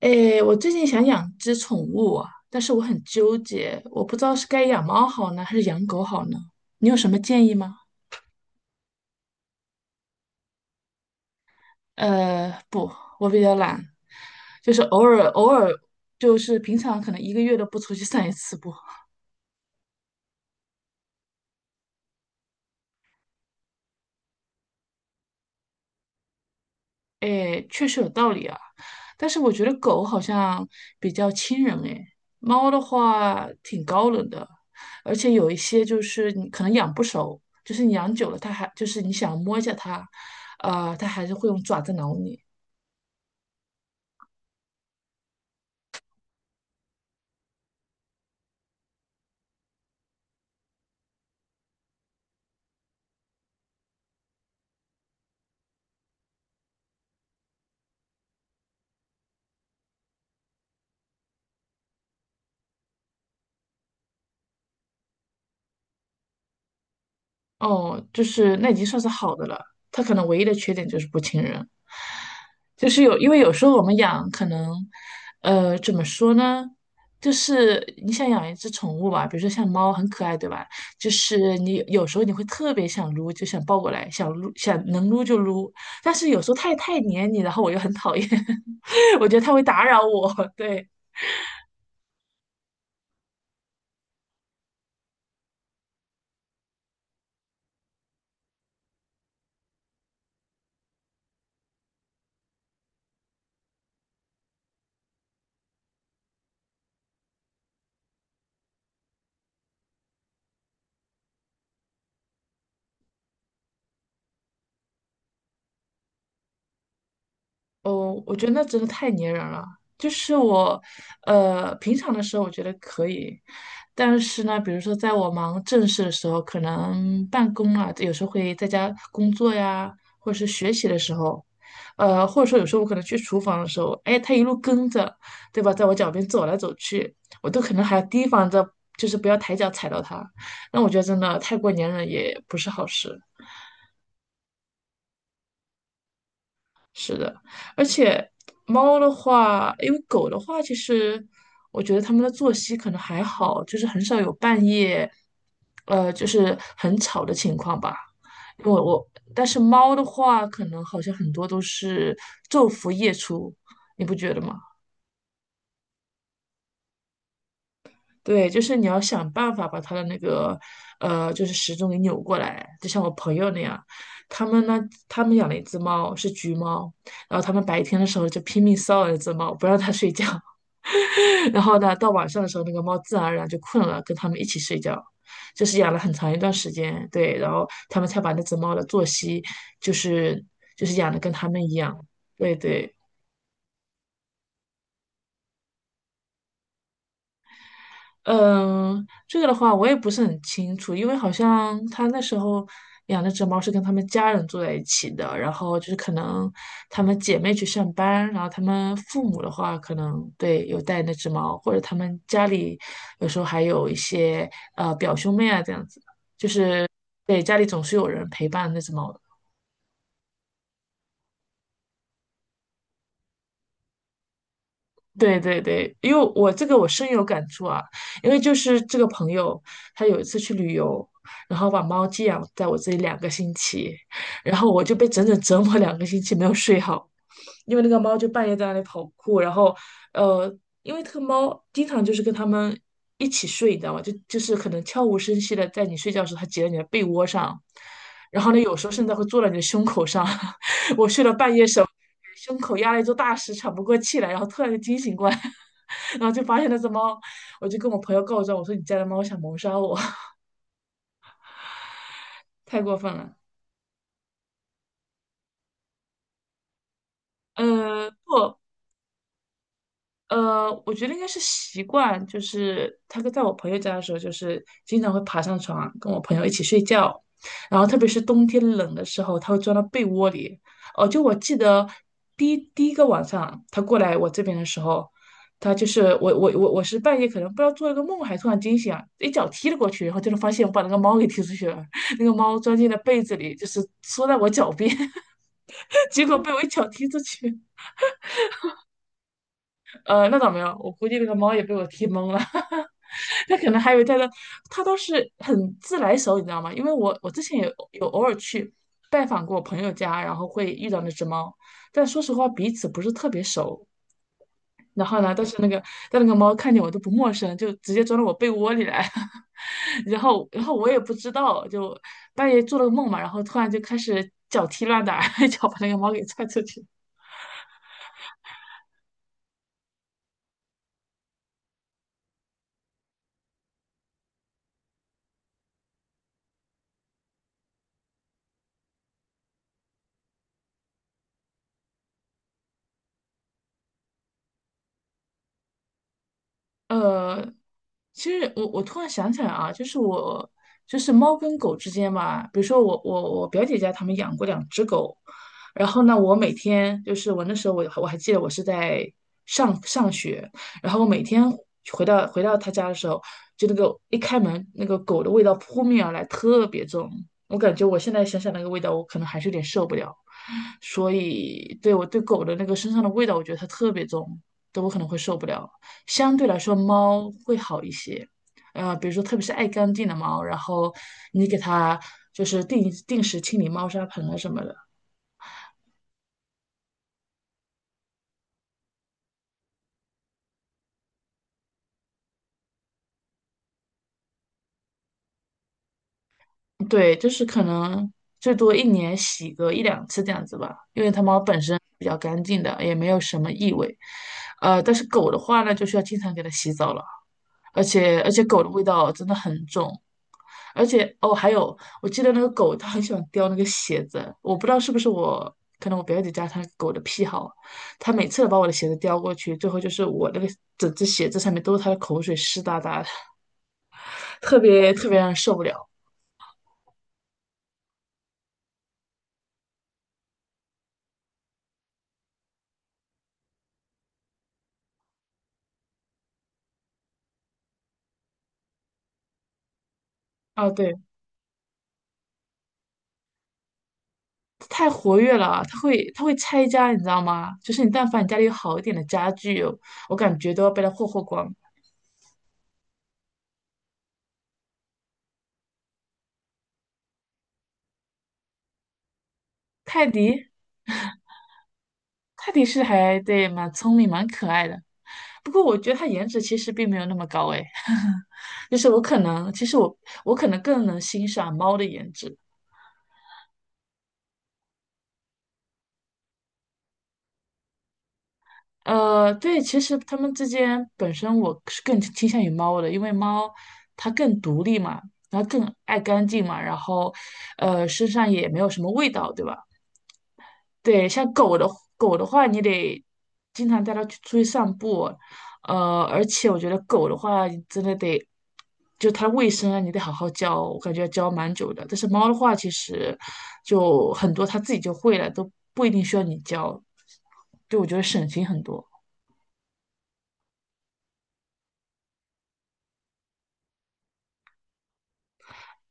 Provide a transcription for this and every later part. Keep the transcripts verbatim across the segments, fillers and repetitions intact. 诶，我最近想养只宠物啊，但是我很纠结，我不知道是该养猫好呢，还是养狗好呢？你有什么建议吗？呃，不，我比较懒，就是偶尔偶尔，就是平常可能一个月都不出去散一次步。哎，确实有道理啊，但是我觉得狗好像比较亲人哎，猫的话挺高冷的，而且有一些就是你可能养不熟，就是你养久了它还就是你想摸一下它，呃，它还是会用爪子挠你。哦，就是那已经算是好的了。它可能唯一的缺点就是不亲人，就是有，因为有时候我们养可能，呃，怎么说呢？就是你想养一只宠物吧，比如说像猫，很可爱，对吧？就是你有时候你会特别想撸，就想抱过来，想撸，想能撸就撸。但是有时候它也太黏你，然后我又很讨厌，我觉得它会打扰我，对。哦，我觉得那真的太粘人了。就是我，呃，平常的时候我觉得可以，但是呢，比如说在我忙正事的时候，可能办公啊，有时候会在家工作呀，或者是学习的时候，呃，或者说有时候我可能去厨房的时候，哎，他一路跟着，对吧，在我脚边走来走去，我都可能还要提防着，就是不要抬脚踩到他。那我觉得真的太过粘人也不是好事。是的，而且猫的话，因为狗的话，其实我觉得它们的作息可能还好，就是很少有半夜，呃，就是很吵的情况吧。因为我，我但是猫的话，可能好像很多都是昼伏夜出，你不觉得吗？对，就是你要想办法把它的那个，呃，就是时钟给扭过来，就像我朋友那样，他们呢，他们养了一只猫，是橘猫，然后他们白天的时候就拼命骚扰那只猫，不让它睡觉，然后呢，到晚上的时候，那个猫自然而然就困了，跟他们一起睡觉，就是养了很长一段时间，对，然后他们才把那只猫的作息，就是就是养的跟他们一样，对对。嗯，这个的话我也不是很清楚，因为好像他那时候养那只猫是跟他们家人住在一起的，然后就是可能他们姐妹去上班，然后他们父母的话可能对有带那只猫，或者他们家里有时候还有一些呃表兄妹啊这样子，对，家里总是有人陪伴那只猫的。对对对，因为我这个我深有感触啊，因为就是这个朋友，他有一次去旅游，然后把猫寄养在我这里两个星期，然后我就被整整折磨两个星期没有睡好，因为那个猫就半夜在那里跑酷，然后呃，因为这个猫经常就是跟它们一起睡，你知道吗？就就是可能悄无声息的在你睡觉的时候，它挤在你的被窝上，然后呢，有时候甚至会坐在你的胸口上，半夜手胸口压了一座大石，喘不过气来，然后突然就惊醒过来，然后就发现那只猫，我就跟我朋友告状，我说你家的猫想谋杀我，太过分了。呃，不，呃，我觉得应该是习惯，就是他跟在我朋友家的时候，就是经常会爬上床啊跟我朋友一起睡觉，然后特别是冬天冷的时候，他会钻到被窝里。哦，就我记得第一第一个晚上他过来我这边的时候，他就是我我我我是半夜可能不知道做了个梦，还突然惊醒啊，一脚踢了过去，然后就能发现我把那个猫给踢出去了，那个猫钻进了被子里，就是缩在我脚边，结果被我一脚踢出去。呃，那倒没有，我估计那个猫也被我踢懵了。他可能还以为他的，他都是很自来熟，你知道吗？因为我我之前也有偶尔去拜访过我朋友家，然后会遇到那只猫，但说实话彼此不是特别熟。然后呢，但是那个但那个猫看见我都不陌生，就直接钻到我被窝里来，然后然后我也不知道，就半夜做了个梦嘛，然后突然就开始脚踢乱打，一脚把那个猫给踹出去。呃，其实我我突然想起来啊，就是我就是猫跟狗之间嘛，比如说我我我表姐家他们养过两只狗，然后呢，我每天就是我那时候我我还记得我是在上上学，然后我每天回到回到他家的时候，就那个一开门那个狗的味道扑面而来，特别重，我感觉我现在想想那个味道，我可能还是有点受不了，所以对我对狗的那个身上的味道，我觉得它特别重，都我可能会受不了。相对来说猫会好一些。呃，比如说特别是爱干净的猫，然后你给它就是定定时清理猫砂盆啊什么的，对，就是可能最多一年洗个一两次这样子吧，因为它猫本身比较干净的，也没有什么异味。呃，但是狗的话呢，就需要经常给它洗澡了。而且而且狗的味道真的很重，而且哦，还有我记得那个狗它很喜欢叼那个鞋子，我不知道是不是我，可能我表姐家它狗的癖好，它每次把我的鞋子叼过去，最后就是我那个整只鞋子上面都是它的口水，湿哒哒的，特别特别让人受不了。啊，对，太活跃了，它会它会拆家，你知道吗？就是你但凡你家里有好一点的家具哦，我感觉都要被它霍霍光。泰迪泰迪是还对蛮聪明蛮可爱的。不过我觉得它颜值其实并没有那么高诶，就是我可能，其实我我可能更能欣赏猫的颜值。呃，对，其实它们之间本身我是更倾向于猫的，因为猫它更独立嘛，然后更爱干净嘛，然后呃身上也没有什么味道，对吧？对，像狗的狗的话，你得经常带它去出去散步，呃，而且我觉得狗的话，你真的得就它的卫生啊，你得好好教，我感觉要教蛮久的。但是猫的话，其实就很多它自己就会了，都不一定需要你教。对，我觉得省心很多。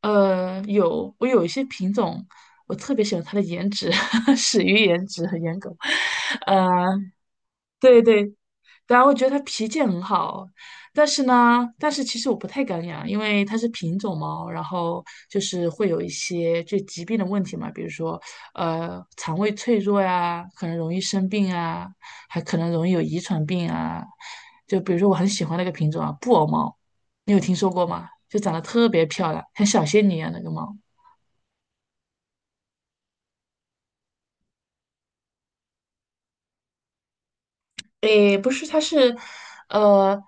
呃，有我有一些品种，我特别喜欢它的颜值，始于颜值和颜狗。呃，对对，然后我觉得它脾气很好，但是呢，但是其实我不太敢养，因为它是品种猫，然后就是会有一些就疾病的问题嘛，比如说呃肠胃脆弱呀，可能容易生病啊，还可能容易有遗传病啊。就比如说我很喜欢那个品种啊，布偶猫，你有听说过吗？就长得特别漂亮，像小仙女一样那个猫。诶，不是，它是，呃，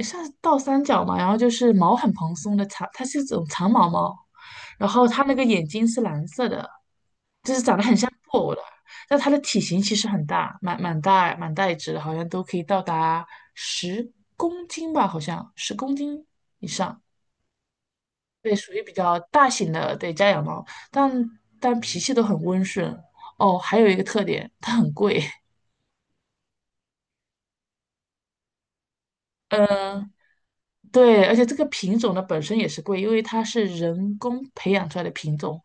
像是倒三角嘛，然后就是毛很蓬松的长，它是一种长毛猫，然后它那个眼睛是蓝色的，但它的体型其实很大，蛮蛮大蛮大一只的，好像都可以到达十公斤吧，好像十公斤以上，对，属于比较大型的，对，家养猫，但但脾气都很温顺。哦，还有一个特点，它很贵，嗯。对，而且这个品种呢本身也是贵，因为它是人工培养出来的品种，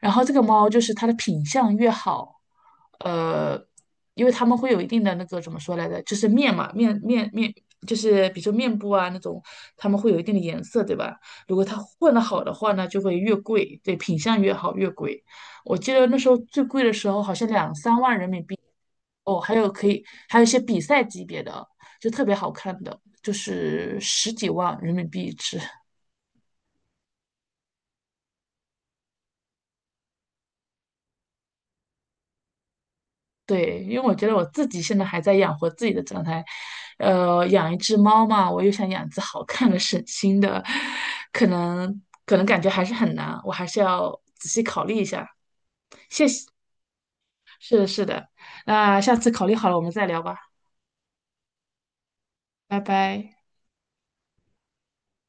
然后这个猫就是它的品相越好，呃，因为它们会有一定的那个怎么说来着，就是面嘛，面面面，就是比如说面部啊那种，它们会有一定的颜色，对吧？如果它混得好的话呢，就会越贵，对，品相越好越贵。我记得那时候最贵的时候好像两三万人民币，哦，还有可以还有一些比赛级别的，就特别好看的，就是十几万人民币一只。对，因为我觉得我自己现在还在养活自己的状态，呃，养一只猫嘛，我又想养一只好看的、省心的，可能可能感觉还是很难，我还是要仔细考虑一下。谢谢，是的，是的，那下次考虑好了我们再聊吧，拜拜。